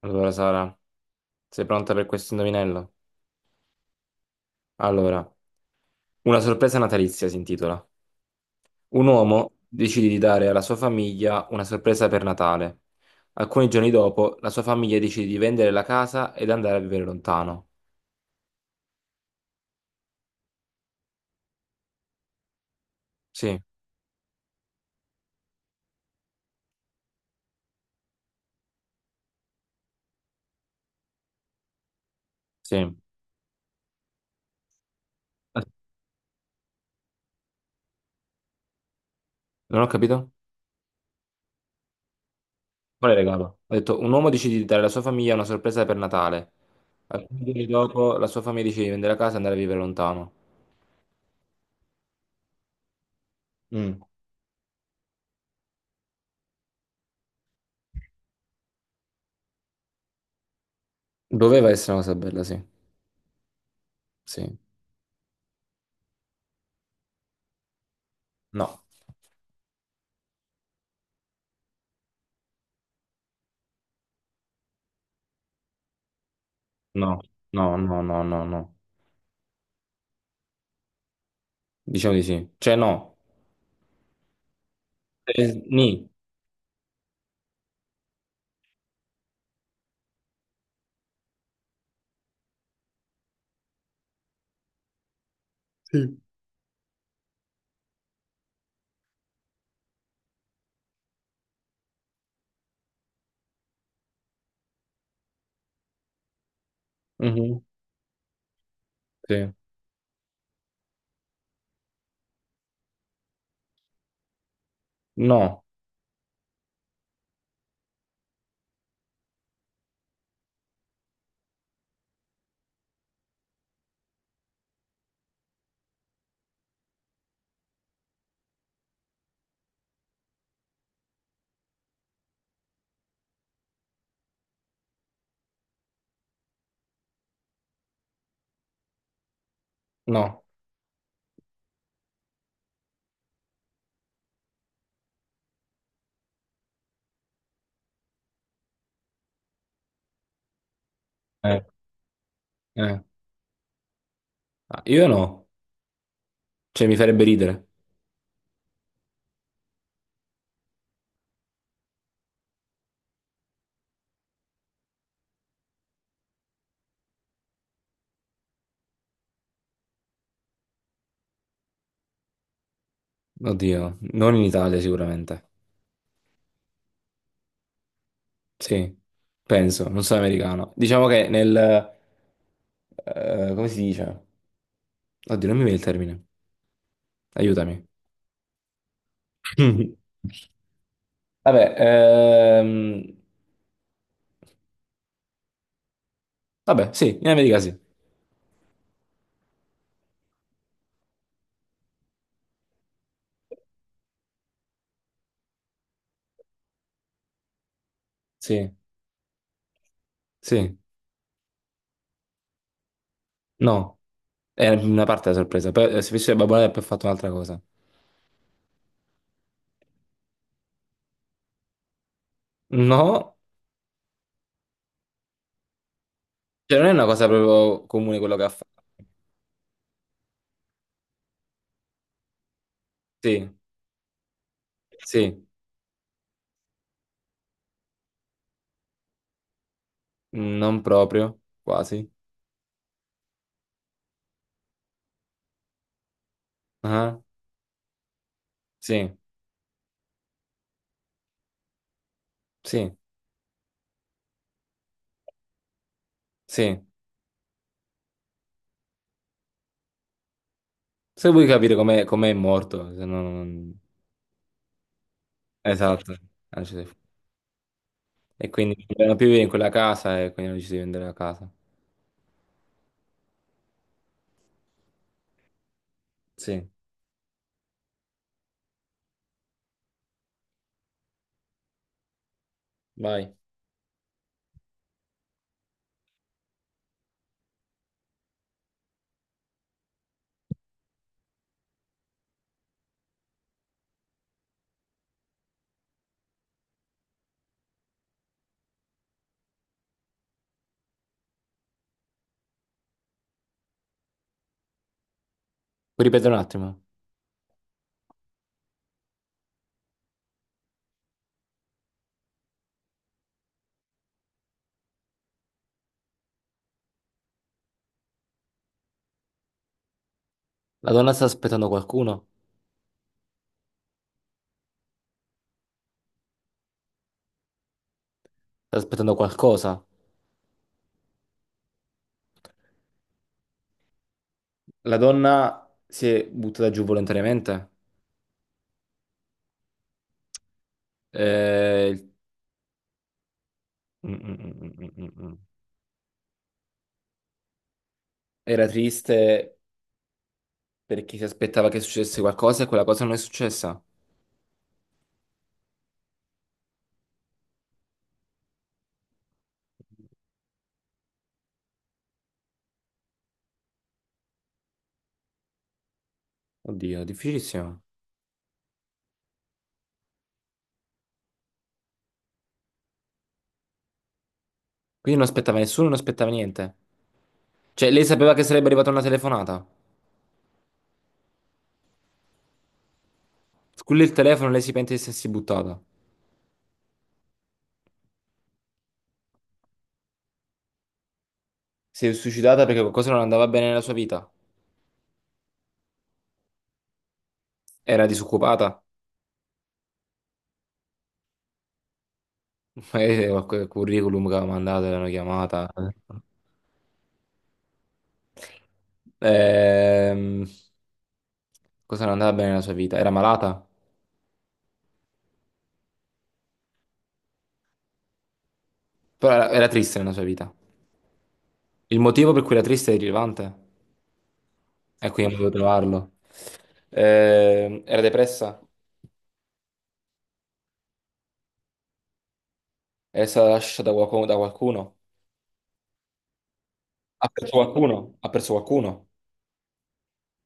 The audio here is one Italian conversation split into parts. Allora, Sara, sei pronta per questo indovinello? Allora, una sorpresa natalizia si intitola. Un uomo decide di dare alla sua famiglia una sorpresa per Natale. Alcuni giorni dopo, la sua famiglia decide di vendere la casa ed andare a vivere lontano. Sì, sì. Ah, non ho capito? Qual è il regalo? Ho detto, un uomo decide di dare alla sua famiglia una sorpresa per Natale. Alcuni giorni dopo, la sua famiglia decide di vendere la casa e andare a vivere lontano. Mm. Doveva essere una cosa bella, sì. Sì. No. No, no, no, no, no, no. Diciamo di sì. Cioè no. Ni. Mhm. Sì. No, no. Eh, eh. Ah, io no. Cioè mi farebbe ridere. Oddio, non in Italia sicuramente. Sì, penso, non sono americano. Diciamo che nel... come si dice? Oddio, non mi viene il termine. Aiutami. Vabbè, vabbè, sì, in America sì. Sì, sì. No. È una parte della sorpresa. Poi, se fosse Babbo Natale, poi ha fatto un'altra cosa. No, cioè non è una cosa proprio comune quello che ha fatto. Sì, sì, non proprio, quasi. Ah, sì, sì, sì. Se vuoi capire com'è morto, se no non... Esatto. Ah, ci sei fu- E quindi non potevano più vivere in quella casa e quindi hanno deciso di vendere la casa. Sì, vai. Puoi ripetere un attimo? La donna sta aspettando qualcuno? Sta aspettando qualcosa? La donna si è buttata giù volontariamente? Il- mm, mm, mm, mm, mm, mm. Era triste perché si aspettava che succedesse qualcosa e quella cosa non è successa. Oddio, difficilissimo. Quindi non aspettava nessuno, non aspettava niente. Cioè, lei sapeva che sarebbe arrivata una telefonata. Sculla il telefono, lei si pente di essersi buttata. Si è suicidata perché qualcosa non andava bene nella sua vita. Era disoccupata. Magari qualche curriculum che aveva mandato, l'hanno chiamata. Ehm, Cosa non andava bene nella sua vita? Era malata? Però era triste nella sua vita. Il motivo per cui era triste è rilevante. E quindi non potevo trovarlo. Era depressa? È stata lasciata da qualcuno? Da qualcuno? Ha perso qualcuno? Ha perso qualcuno?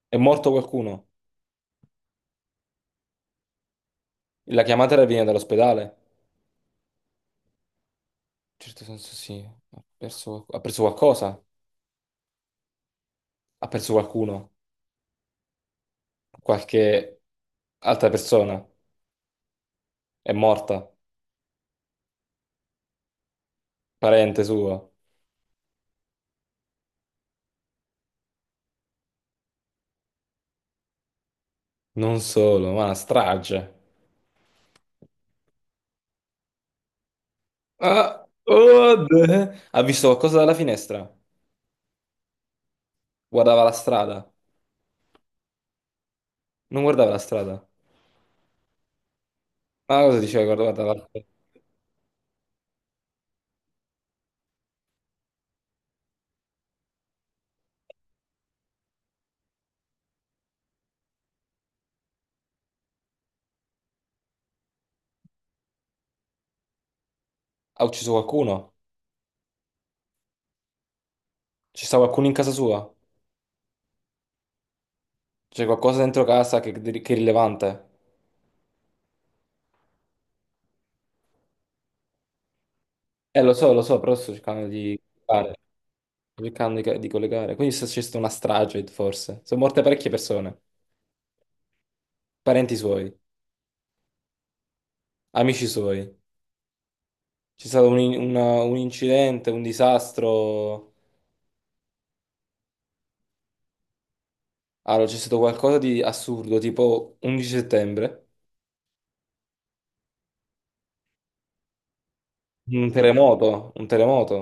È morto qualcuno? La chiamata era venuta dall'ospedale? In certo senso sì. Ha perso qualcosa? Ha perso qualcuno? Qualche altra persona? È morta? Parente suo? Non solo, ma una strage. Ah, oh, d- ha visto qualcosa dalla finestra? Guardava la strada. Non guardava la strada. Ma cosa diceva? Guarda, guarda, la- strada. Ha ucciso qualcuno? Ci sta qualcuno in casa sua? C'è qualcosa dentro casa che è rilevante? Lo so, però sto cercando di collegare. Sto cercando di collegare. Quindi se c'è stata una strage, forse. Sono morte parecchie persone. Parenti suoi, amici suoi. C'è stato un, in- una- un incidente, un disastro. Allora, c'è stato qualcosa di assurdo, tipo 11 settembre. Un terremoto,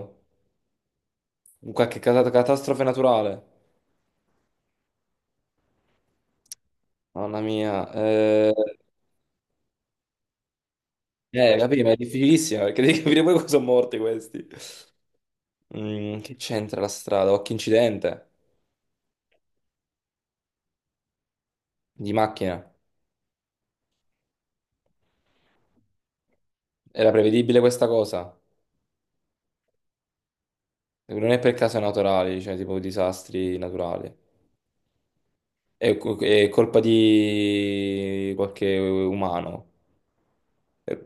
un qualche cata- catastrofe naturale. Mamma mia. Capì, ma è difficilissima perché devi capire poi cosa sono morti questi. Mm, che c'entra la strada? Qualche incidente di macchina. Era prevedibile questa cosa? Non è per casi naturali, cioè tipo disastri naturali. È, co- è colpa di qualche umano. Eh,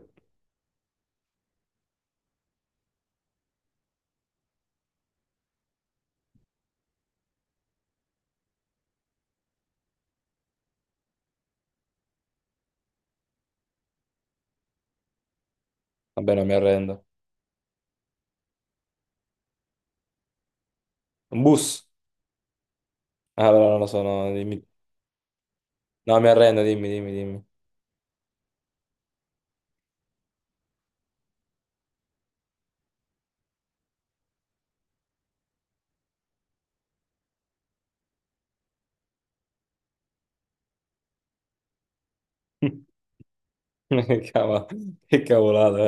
Vabbè, non mi arrendo. Un bus? Ah, no, non lo so, no, dimmi. No, mi arrendo, dimmi, dimmi, dimmi. Cava- Che cavolata,